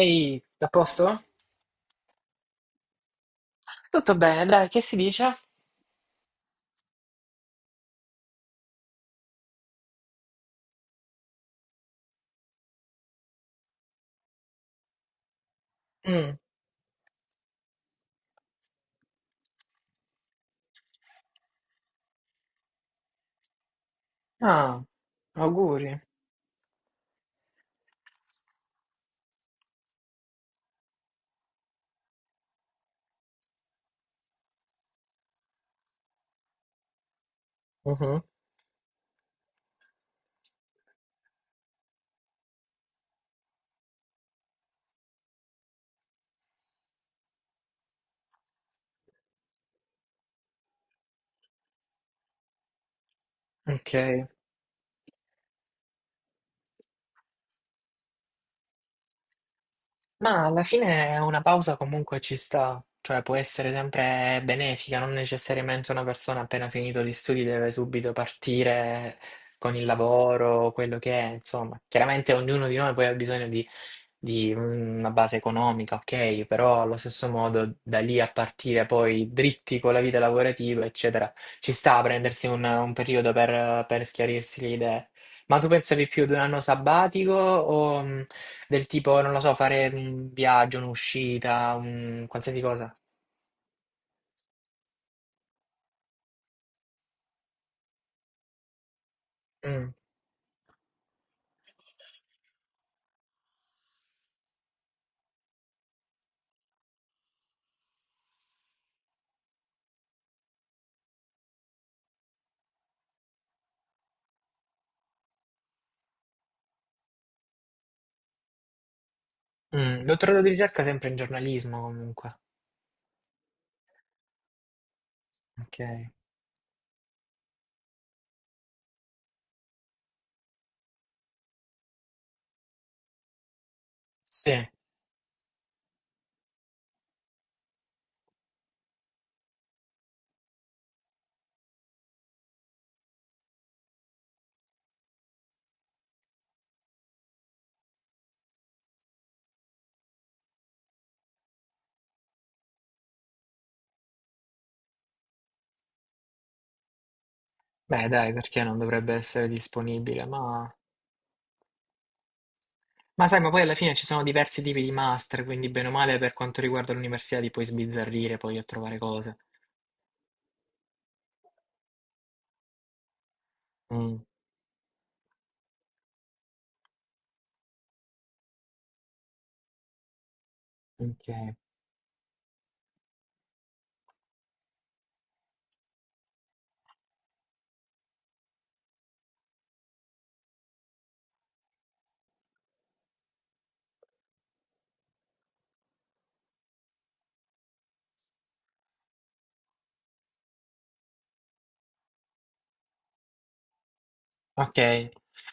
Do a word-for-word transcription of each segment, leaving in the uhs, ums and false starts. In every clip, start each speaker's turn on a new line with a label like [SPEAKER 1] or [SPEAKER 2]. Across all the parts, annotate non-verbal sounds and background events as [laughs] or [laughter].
[SPEAKER 1] Ehi, a posto? Tutto bene, dai, che si dice? Mm. Ah, auguri. Mhm. Ok. Ma alla fine una pausa comunque ci sta, cioè può essere sempre benefica, non necessariamente una persona appena finito gli studi deve subito partire con il lavoro, quello che è, insomma. Chiaramente ognuno di noi poi ha bisogno di, di una base economica, ok, però allo stesso modo da lì a partire poi dritti con la vita lavorativa, eccetera, ci sta a prendersi un, un periodo per, per schiarirsi le idee. Ma tu pensavi più ad un anno sabbatico o... mm, del tipo, non lo so, fare un viaggio, un'uscita, un qualsiasi cosa. Mm. Mm. Dottorato di ricerca sempre in giornalismo comunque. Ok. Sì. Beh, dai, perché non dovrebbe essere disponibile? Ma... ma sai, ma poi alla fine ci sono diversi tipi di master, quindi bene o male per quanto riguarda l'università ti puoi sbizzarrire poi a trovare cose. Mm. Ok. Ok.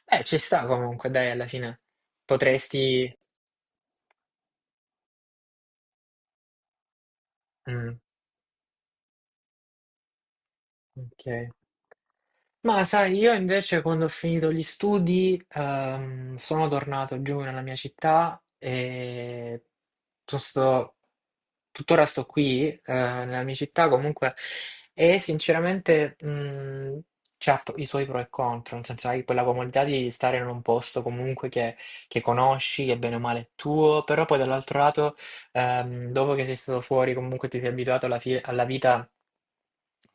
[SPEAKER 1] Beh, ci sta comunque, dai, alla fine potresti... Mm. Ok. Ma sai, io invece quando ho finito gli studi ehm, sono tornato giù nella mia città e tu- sto- tuttora sto qui eh, nella mia città comunque e sinceramente mh, c'ha i suoi pro e contro, nel senso hai quella comodità di stare in un posto comunque che, che conosci, che bene o male è tuo, però poi dall'altro lato ehm, dopo che sei stato fuori comunque ti sei abituato alla, fi- alla vita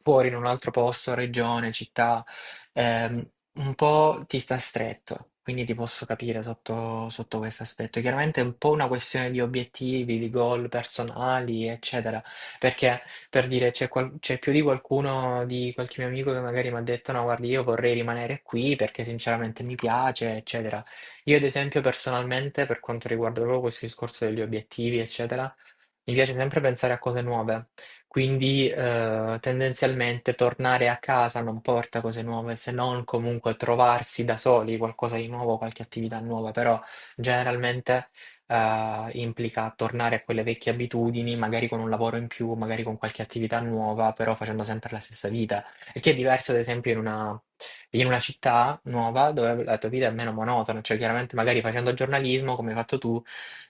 [SPEAKER 1] fuori in un altro posto, regione, città, ehm, un po' ti sta stretto. Quindi ti posso capire sotto, sotto questo aspetto. Chiaramente è un po' una questione di obiettivi, di goal personali, eccetera. Perché per dire c'è qual- c'è più di qualcuno, di qualche mio amico che magari mi ha detto: "No, guardi, io vorrei rimanere qui perché sinceramente mi piace, eccetera." Io, ad esempio, personalmente, per quanto riguarda proprio questo discorso degli obiettivi, eccetera, mi piace sempre pensare a cose nuove. Quindi eh, tendenzialmente tornare a casa non porta cose nuove, se non comunque trovarsi da soli qualcosa di nuovo, qualche attività nuova, però generalmente eh, implica tornare a quelle vecchie abitudini, magari con un lavoro in più, magari con qualche attività nuova, però facendo sempre la stessa vita. Il che è diverso, ad esempio, in una, in una città nuova dove la tua vita è meno monotona, cioè chiaramente magari facendo giornalismo, come hai fatto tu,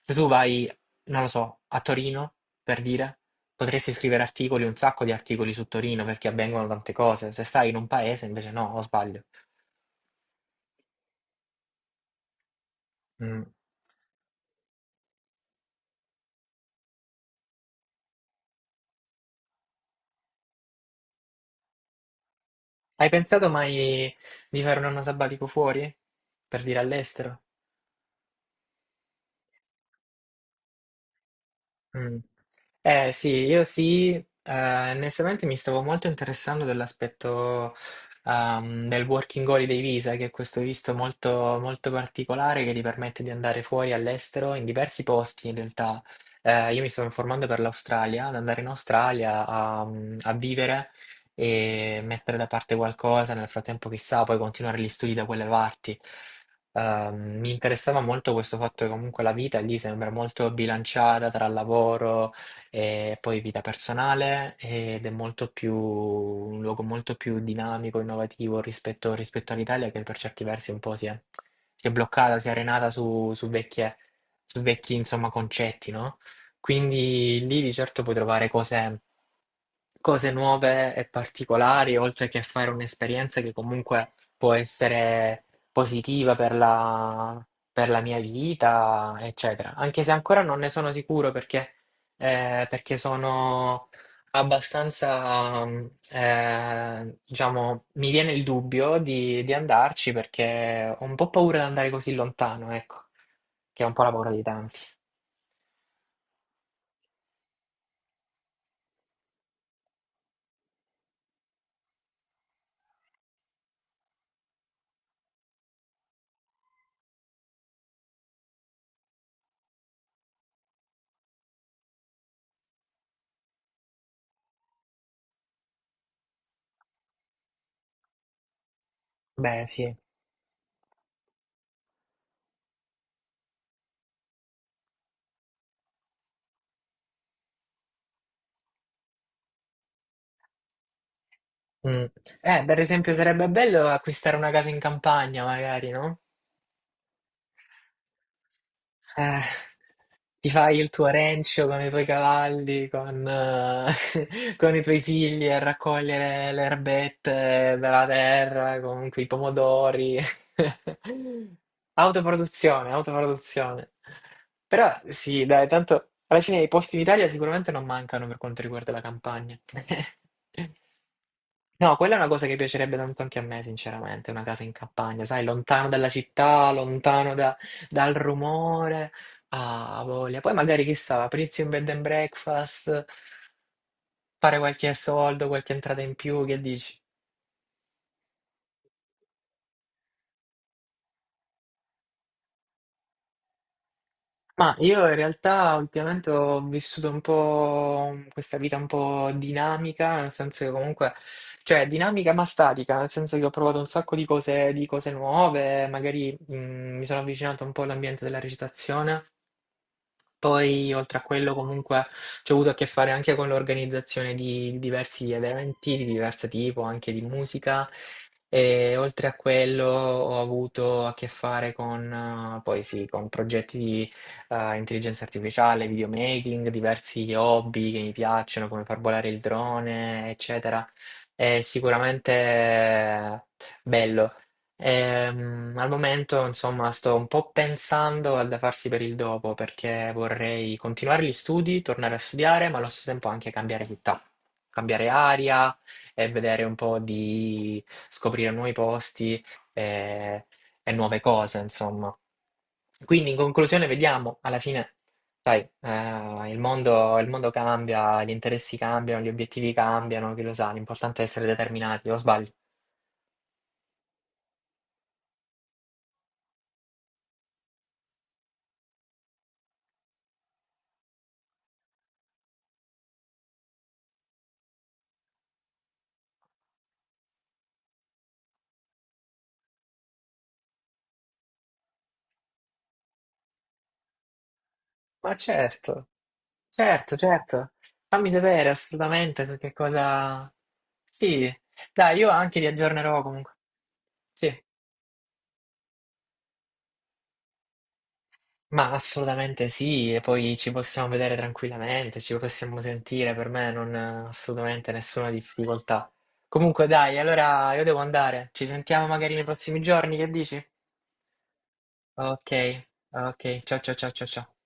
[SPEAKER 1] se tu vai, non lo so, a Torino, per dire. Potresti scrivere articoli, un sacco di articoli su Torino perché avvengono tante cose. Se stai in un paese, invece no, o sbaglio. Mm. Hai pensato mai di fare un anno sabbatico fuori? Per dire all'estero? Mm. Eh sì, io sì, eh, onestamente mi stavo molto interessando dell'aspetto ehm, del working holiday visa, che è questo visto molto, molto particolare che ti permette di andare fuori all'estero in diversi posti in realtà. Eh, io mi stavo informando per l'Australia, ad andare in Australia a, mm, a vivere e mettere da parte qualcosa, nel frattempo chissà, poi continuare gli studi da quelle parti. Ehm, mi interessava molto questo fatto che comunque la vita lì sembra molto bilanciata tra lavoro e poi vita personale ed è molto più, un luogo molto più dinamico, innovativo rispetto, rispetto all'Italia che per certi versi un po' si è, si è bloccata, si è arenata su, su vecchie- su vecchi insomma, concetti, no? Quindi lì di certo puoi trovare cose, cose nuove e particolari, oltre che fare un'esperienza che comunque può essere positiva per la, per la mia vita, eccetera. Anche se ancora non ne sono sicuro perché eh, perché sono abbastanza, mm, eh, diciamo, mi viene il dubbio di, di andarci perché ho un po' paura di andare così lontano, ecco, che è un po' la paura di tanti. Beh, sì. Mm. Eh, per esempio, sarebbe bello acquistare una casa in campagna, magari, no? Eh. Ti fai il tuo rancio con i tuoi cavalli, con, eh, [laughs] con i tuoi figli a raccogliere le erbette dalla terra, con quei pomodori. [laughs] Autoproduzione, autoproduzione. Però sì, dai, tanto alla fine i posti in Italia sicuramente non mancano per quanto riguarda la campagna. [laughs] No, quella è una cosa che piacerebbe tanto anche a me, sinceramente, una casa in campagna, sai, lontano dalla città, lontano da- dal rumore, ah, voglia. Poi magari, chissà, aprirsi un bed and breakfast, fare qualche soldo, qualche entrata in più, che dici? Ma io in realtà ultimamente ho vissuto un po' questa vita un po' dinamica, nel senso che comunque, cioè dinamica ma statica, nel senso che ho provato un sacco di cose, di cose nuove, magari mh, mi sono avvicinato un po' all'ambiente della recitazione. Poi, oltre a quello, comunque, ci ho avuto a che fare anche con l'organizzazione di diversi eventi di diverso tipo, anche di musica. E oltre a quello, ho avuto a che fare con, eh, poi sì, con progetti di eh, intelligenza artificiale, videomaking, diversi hobby che mi piacciono, come far volare il drone, eccetera. È sicuramente eh, bello. Ehm, al momento, insomma, sto un po' pensando al da farsi per il dopo perché vorrei continuare gli studi, tornare a studiare, ma allo stesso tempo anche cambiare città, cambiare aria e vedere un po' di scoprire nuovi posti eh, e, nuove cose, insomma. Quindi, in conclusione, vediamo alla fine, sai, eh, il mondo, il mondo cambia, gli interessi cambiano, gli obiettivi cambiano, chi lo sa, l'importante è essere determinati, o sbaglio? Ma certo. Certo, certo, fammi vedere assolutamente perché cosa... Sì, dai, io anche li aggiornerò comunque. Sì, ma assolutamente sì, e poi ci possiamo vedere tranquillamente, ci possiamo sentire, per me non eh, assolutamente nessuna difficoltà. Comunque dai, allora io devo andare, ci sentiamo magari nei prossimi giorni, che dici? Ok, ok, ciao ciao ciao ciao ciao.